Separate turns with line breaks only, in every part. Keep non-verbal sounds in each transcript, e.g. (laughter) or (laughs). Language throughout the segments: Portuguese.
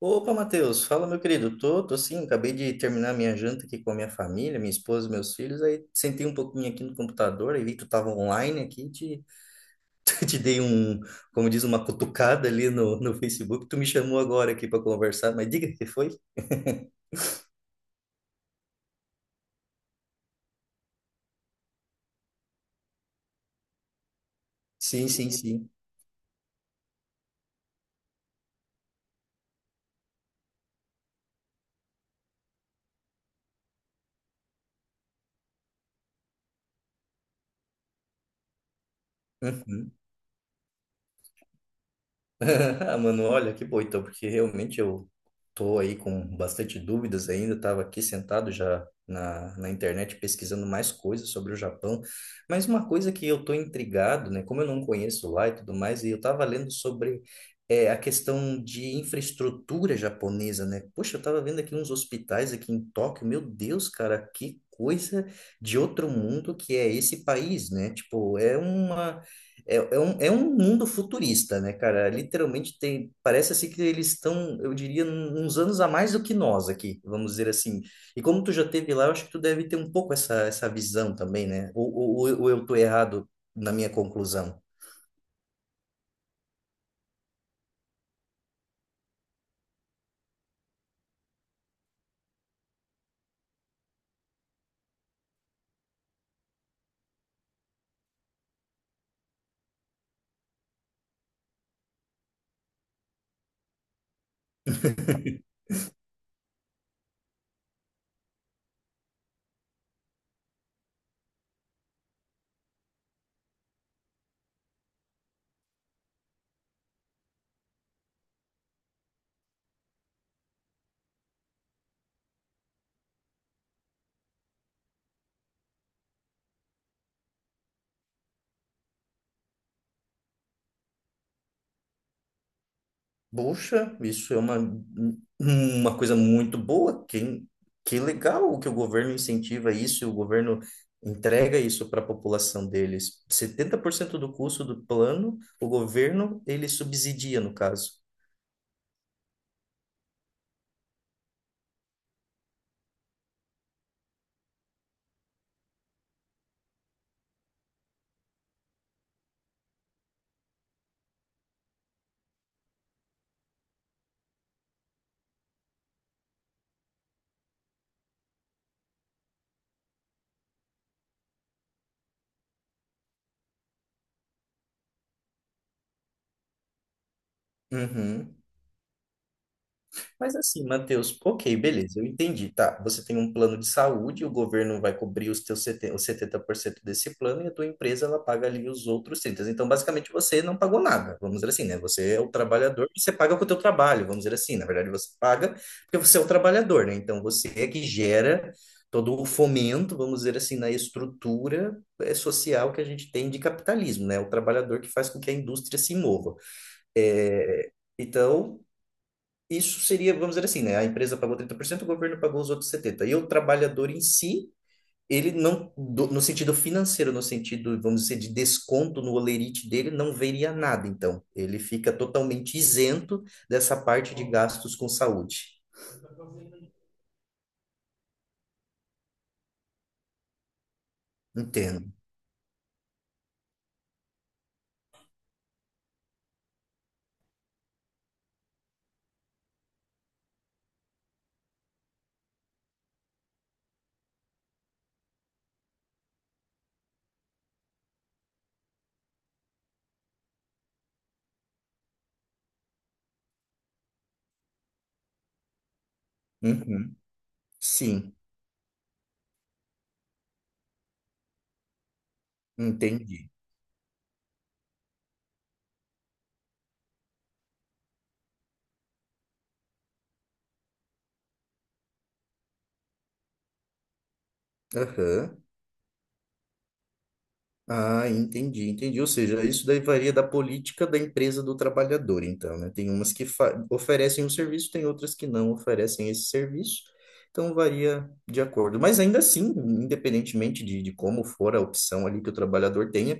Opa, Matheus, fala, meu querido. Tô sim, acabei de terminar minha janta aqui com a minha família, minha esposa, meus filhos. Aí sentei um pouquinho aqui no computador. Aí vi que tu tava online aqui, (laughs) te dei um, como diz, uma cutucada ali no Facebook. Tu me chamou agora aqui para conversar, mas diga o que foi. (laughs) Sim, sim, sim. Uhum. (laughs) Ah, mano, olha, que bom então, porque realmente eu tô aí com bastante dúvidas ainda, estava aqui sentado já na internet pesquisando mais coisas sobre o Japão, mas uma coisa que eu tô intrigado, né, como eu não conheço lá e tudo mais, e eu tava lendo sobre a questão de infraestrutura japonesa, né. Poxa, eu tava vendo aqui uns hospitais aqui em Tóquio, meu Deus, cara, que coisa de outro mundo que é esse país, né, tipo, é uma é um mundo futurista, né, cara? Literalmente tem, parece assim que eles estão, eu diria, uns anos a mais do que nós aqui, vamos dizer assim. E como tu já teve lá, eu acho que tu deve ter um pouco essa visão também, né? Ou eu tô errado na minha conclusão? (laughs) Poxa, isso é uma coisa muito boa. Que legal que o governo incentiva isso e o governo entrega isso para a população deles. 70% do custo do plano, o governo, ele subsidia, no caso. Uhum. Mas assim, Matheus, ok, beleza, eu entendi, tá? Você tem um plano de saúde, o governo vai cobrir os teus 70, os 70% desse plano e a tua empresa ela paga ali os outros 30%. Então, basicamente, você não pagou nada, vamos dizer assim, né? Você é o trabalhador e você paga com o teu trabalho, vamos dizer assim. Na verdade, você paga porque você é o trabalhador, né? Então, você é que gera todo o fomento, vamos dizer assim, na estrutura social que a gente tem de capitalismo, né? O trabalhador que faz com que a indústria se mova. É, então, isso seria, vamos dizer assim, né? A empresa pagou 30%, o governo pagou os outros 70%. E o trabalhador em si, ele não, no sentido financeiro, no sentido, vamos dizer, de desconto no holerite dele, não veria nada. Então, ele fica totalmente isento dessa parte de gastos com saúde. Entendo. Uhum. Sim, entendi. Aham. Ah, entendi, entendi. Ou seja, isso daí varia da política da empresa do trabalhador, então, né? Tem umas que oferecem um serviço, tem outras que não oferecem esse serviço. Então, varia de acordo. Mas ainda assim, independentemente de como for a opção ali que o trabalhador tenha,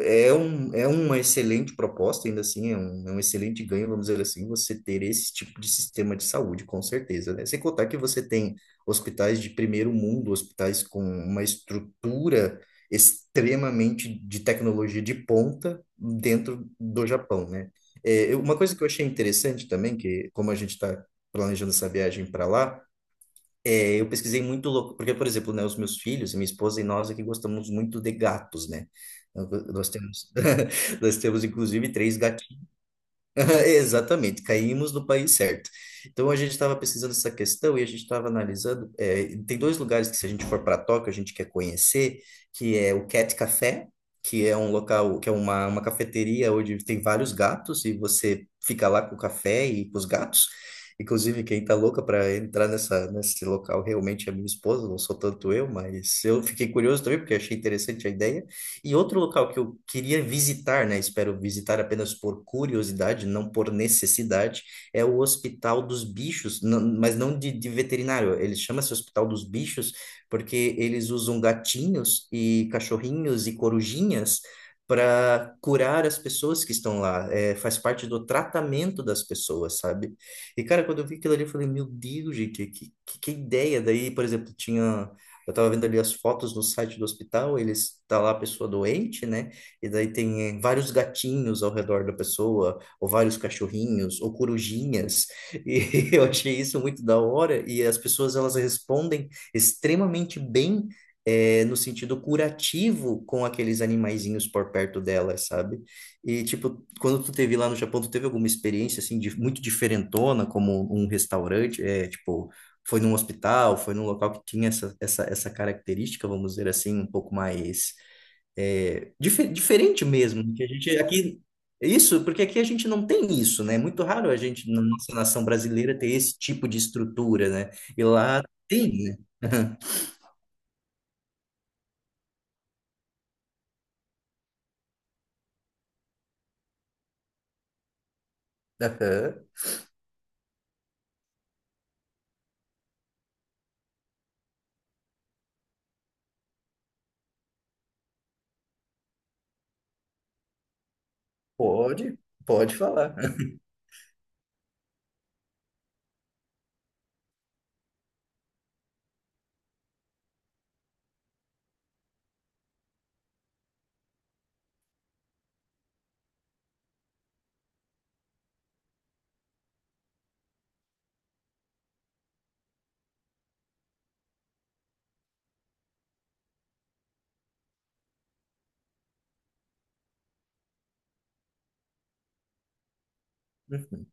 é uma excelente proposta, ainda assim, é um excelente ganho, vamos dizer assim, você ter esse tipo de sistema de saúde, com certeza, né? Sem contar que você tem hospitais de primeiro mundo, hospitais com uma estrutura extremamente de tecnologia de ponta dentro do Japão, né? Uma coisa que eu achei interessante também, que como a gente está planejando essa viagem para lá, eu pesquisei muito louco, porque, por exemplo, né, os meus filhos, minha esposa e nós aqui gostamos muito de gatos, né? Nós temos, (laughs) nós temos inclusive três. (laughs) Exatamente, caímos no país certo. Então a gente estava pesquisando essa questão e a gente estava analisando, tem dois lugares que, se a gente for para Tóquio, a gente quer conhecer, que é o Cat Café, que é um local, que é uma cafeteria onde tem vários gatos e você fica lá com o café e com os gatos. Inclusive, quem tá louca para entrar nessa, nesse local realmente é minha esposa, não sou tanto eu, mas eu fiquei curioso também, porque achei interessante a ideia. E outro local que eu queria visitar, né? Espero visitar apenas por curiosidade, não por necessidade, é o Hospital dos Bichos, mas não de veterinário. Ele chama-se Hospital dos Bichos porque eles usam gatinhos e cachorrinhos e corujinhas para curar as pessoas que estão lá. É, faz parte do tratamento das pessoas, sabe? E, cara, quando eu vi aquilo ali, eu falei, meu Deus, gente, que, que ideia! Daí, por exemplo, tinha. Eu tava vendo ali as fotos no site do hospital, eles tá lá a pessoa doente, né? E daí tem vários gatinhos ao redor da pessoa, ou vários cachorrinhos, ou corujinhas. E (laughs) eu achei isso muito da hora. E as pessoas elas respondem extremamente bem, no sentido curativo com aqueles animaizinhos por perto delas, sabe? E tipo, quando tu teve lá no Japão, tu teve alguma experiência assim de muito diferentona, como um restaurante, tipo foi num hospital, foi num local que tinha essa, essa característica, vamos dizer assim, um pouco mais diferente mesmo, né? Que a gente aqui isso, porque aqui a gente não tem isso, né? É muito raro a gente na nossa nação brasileira ter esse tipo de estrutura, né? E lá tem, né? Aham. Pode, pode falar. (laughs)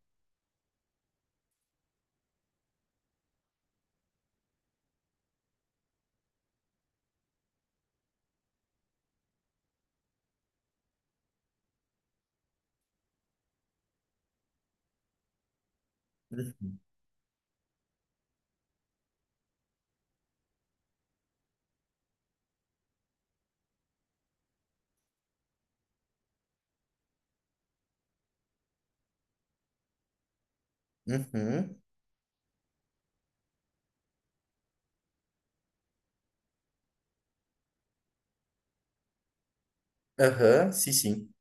Uhum, aham, sim, sim.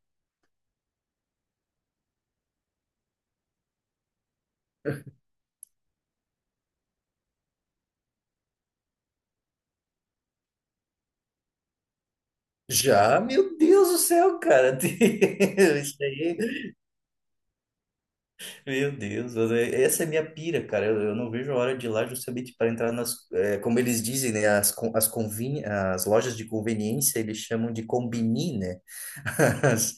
Já, meu Deus do céu, cara. (laughs) Isso aí. Meu Deus, essa é minha pira, cara. Eu não vejo a hora de ir lá justamente para entrar nas, como eles dizem, né? As lojas de conveniência, eles chamam de combini, né? (laughs) As,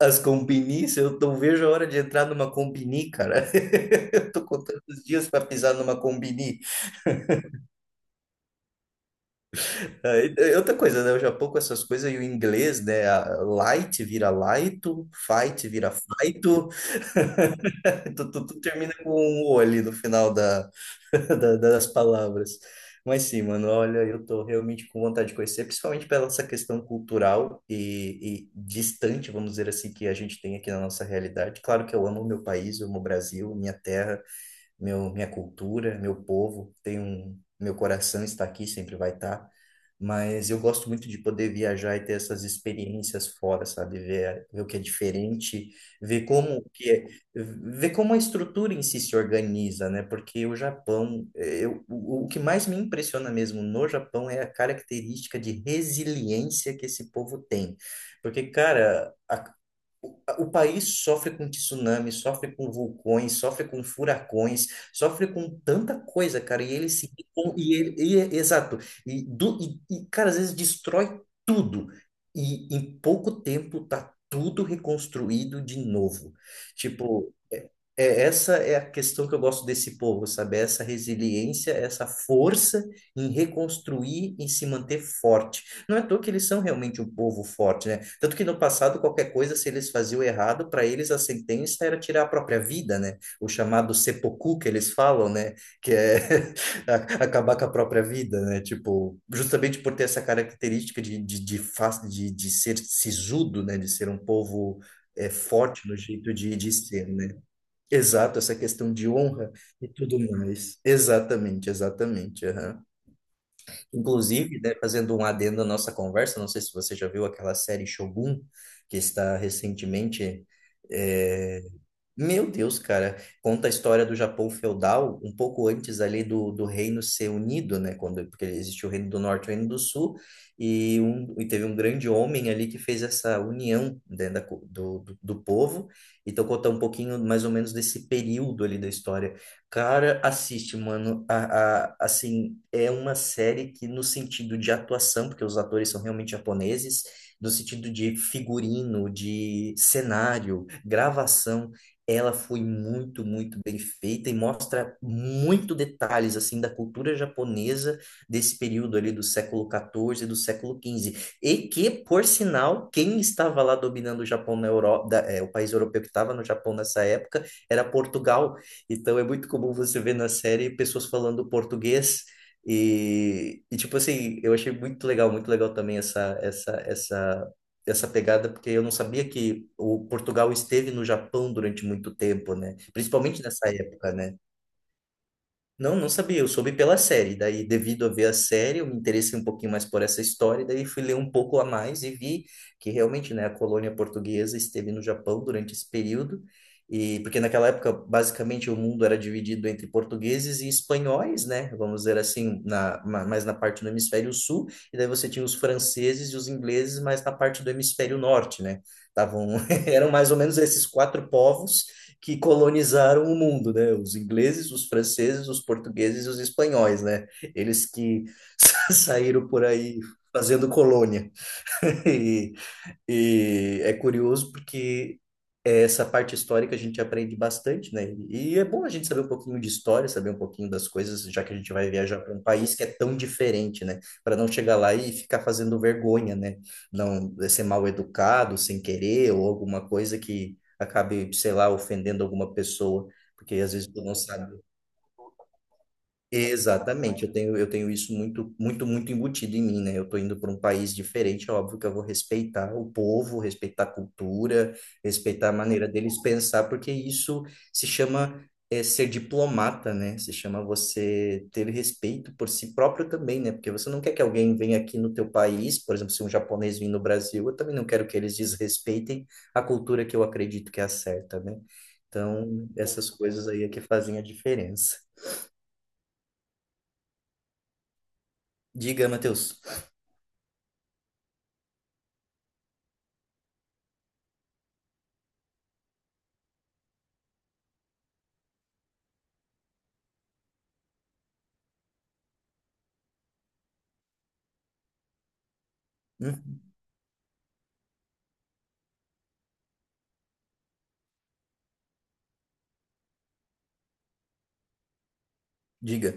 as combinis, eu não vejo a hora de entrar numa combini, cara. (laughs) Eu tô contando os dias para pisar numa combini. Aí, é outra coisa, né? O Japão com essas coisas e o inglês, né? A Light vira light, fight vira fight. (laughs) Tu termina com um O ali no final (laughs) das palavras. Mas sim, mano, olha, eu tô realmente com vontade de conhecer, principalmente pela essa questão cultural e distante, vamos dizer assim, que a gente tem aqui na nossa realidade. Claro que eu amo o meu país, eu amo o Brasil, minha terra, meu, minha cultura, meu povo, tem um, meu coração está aqui, sempre vai estar. Mas eu gosto muito de poder viajar e ter essas experiências fora, sabe? Ver o que é diferente, ver como que é, ver como a estrutura em si se organiza, né? Porque o Japão, eh, eu, o que mais me impressiona mesmo no Japão é a característica de resiliência que esse povo tem. Porque, cara, a o país sofre com tsunami, sofre com vulcões, sofre com furacões, sofre com tanta coisa, cara. E ele se. Exato. E, do, e, cara, às vezes destrói tudo. E em pouco tempo tá tudo reconstruído de novo. Tipo, essa é a questão que eu gosto desse povo, sabe? É essa resiliência, é essa força em reconstruir e se manter forte. Não é à toa que eles são realmente um povo forte, né? Tanto que no passado, qualquer coisa, se eles faziam errado, para eles a sentença era tirar a própria vida, né? O chamado seppuku que eles falam, né? Que é (laughs) a- acabar com a própria vida, né? Tipo, justamente por ter essa característica de ser sisudo, né? De ser um povo. É forte no jeito de ser, né? Exato, essa questão de honra e tudo mais. Exatamente, exatamente. Aham. Inclusive, né, fazendo um adendo à nossa conversa, não sei se você já viu aquela série Shogun, que está recentemente. é, Meu Deus, cara, conta a história do Japão feudal, um pouco antes ali do reino ser unido, né? Quando, porque existiu o reino do norte e o reino do sul, e teve um grande homem ali que fez essa união dentro da, co- do, do, do povo. Então, conta um pouquinho mais ou menos desse período ali da história. Cara, assiste, mano. Assim, é uma série que, no sentido de atuação, porque os atores são realmente japoneses, no sentido de figurino, de cenário, gravação, ela foi muito, muito bem feita e mostra muito detalhes, assim, da cultura japonesa desse período ali do século XIV e do século XV. E que, por sinal, quem estava lá dominando o Japão na Europa, o país europeu que estava no Japão nessa época, era Portugal. Então é muito comum você ver na série pessoas falando português e tipo assim, eu achei muito legal também essa pegada, porque eu não sabia que o Portugal esteve no Japão durante muito tempo, né? Principalmente nessa época, né? Não, não sabia, eu soube pela série. Daí, devido a ver a série, eu me interessei um pouquinho mais por essa história, daí fui ler um pouco a mais e vi que realmente, né, a colônia portuguesa esteve no Japão durante esse período. E porque naquela época, basicamente, o mundo era dividido entre portugueses e espanhóis, né? Vamos dizer assim, mais na parte do hemisfério sul, e daí você tinha os franceses e os ingleses mais na parte do hemisfério norte, né? Tavam, (laughs) eram mais ou menos esses quatro povos que colonizaram o mundo, né? Os ingleses, os franceses, os portugueses e os espanhóis, né? Eles que (laughs) saíram por aí fazendo colônia. (laughs) E, e é curioso porque essa parte histórica a gente aprende bastante, né? E é bom a gente saber um pouquinho de história, saber um pouquinho das coisas, já que a gente vai viajar para um país que é tão diferente, né? Para não chegar lá e ficar fazendo vergonha, né? Não ser mal educado, sem querer, ou alguma coisa que acabe, sei lá, ofendendo alguma pessoa, porque às vezes tu não sabe. Exatamente, eu tenho isso muito, muito, muito embutido em mim, né? Eu tô indo para um país diferente, é óbvio que eu vou respeitar o povo, respeitar a cultura, respeitar a maneira deles pensar, porque isso se chama ser diplomata, né? Se chama você ter respeito por si próprio também, né? Porque você não quer que alguém venha aqui no teu país, por exemplo, se um japonês vir no Brasil, eu também não quero que eles desrespeitem a cultura que eu acredito que é a certa, né? Então, essas coisas aí é que fazem a diferença. Diga, Matheus. Hum. Diga.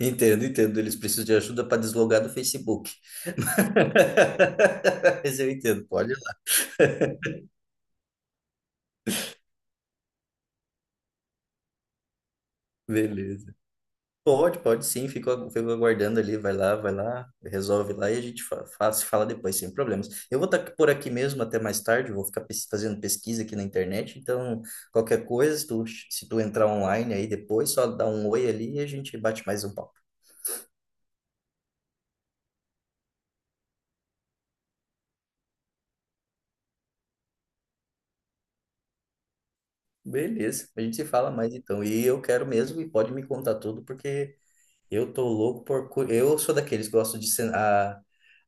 Entendo, entendo. Eles precisam de ajuda para deslogar do Facebook. (laughs) Mas eu entendo. Pode ir lá. Beleza. Pode, pode sim. Fico aguardando ali. Vai lá, vai lá. Resolve lá e a gente se fala depois, sem problemas. Eu vou estar por aqui mesmo até mais tarde. Vou ficar fazendo pesquisa aqui na internet. Então, qualquer coisa, se tu entrar online aí depois, só dá um oi ali e a gente bate mais um papo. Beleza. A gente se fala mais então. E eu quero mesmo e pode me contar tudo, porque. Eu tô louco por. Eu sou daqueles que gostam de. cen- A,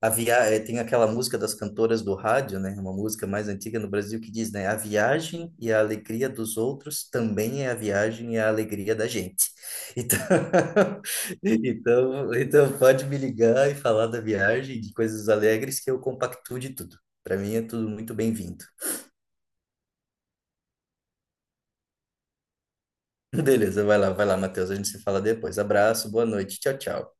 a via... eh, Tem aquela música das cantoras do rádio, né? Uma música mais antiga no Brasil que diz, né? A viagem e a alegria dos outros também é a viagem e a alegria da gente. Então, (laughs) então pode me ligar e falar da viagem, de coisas alegres, que eu compactuo de tudo. Para mim é tudo muito bem-vindo. (laughs) Beleza, vai lá, Matheus. A gente se fala depois. Abraço, boa noite. Tchau, tchau.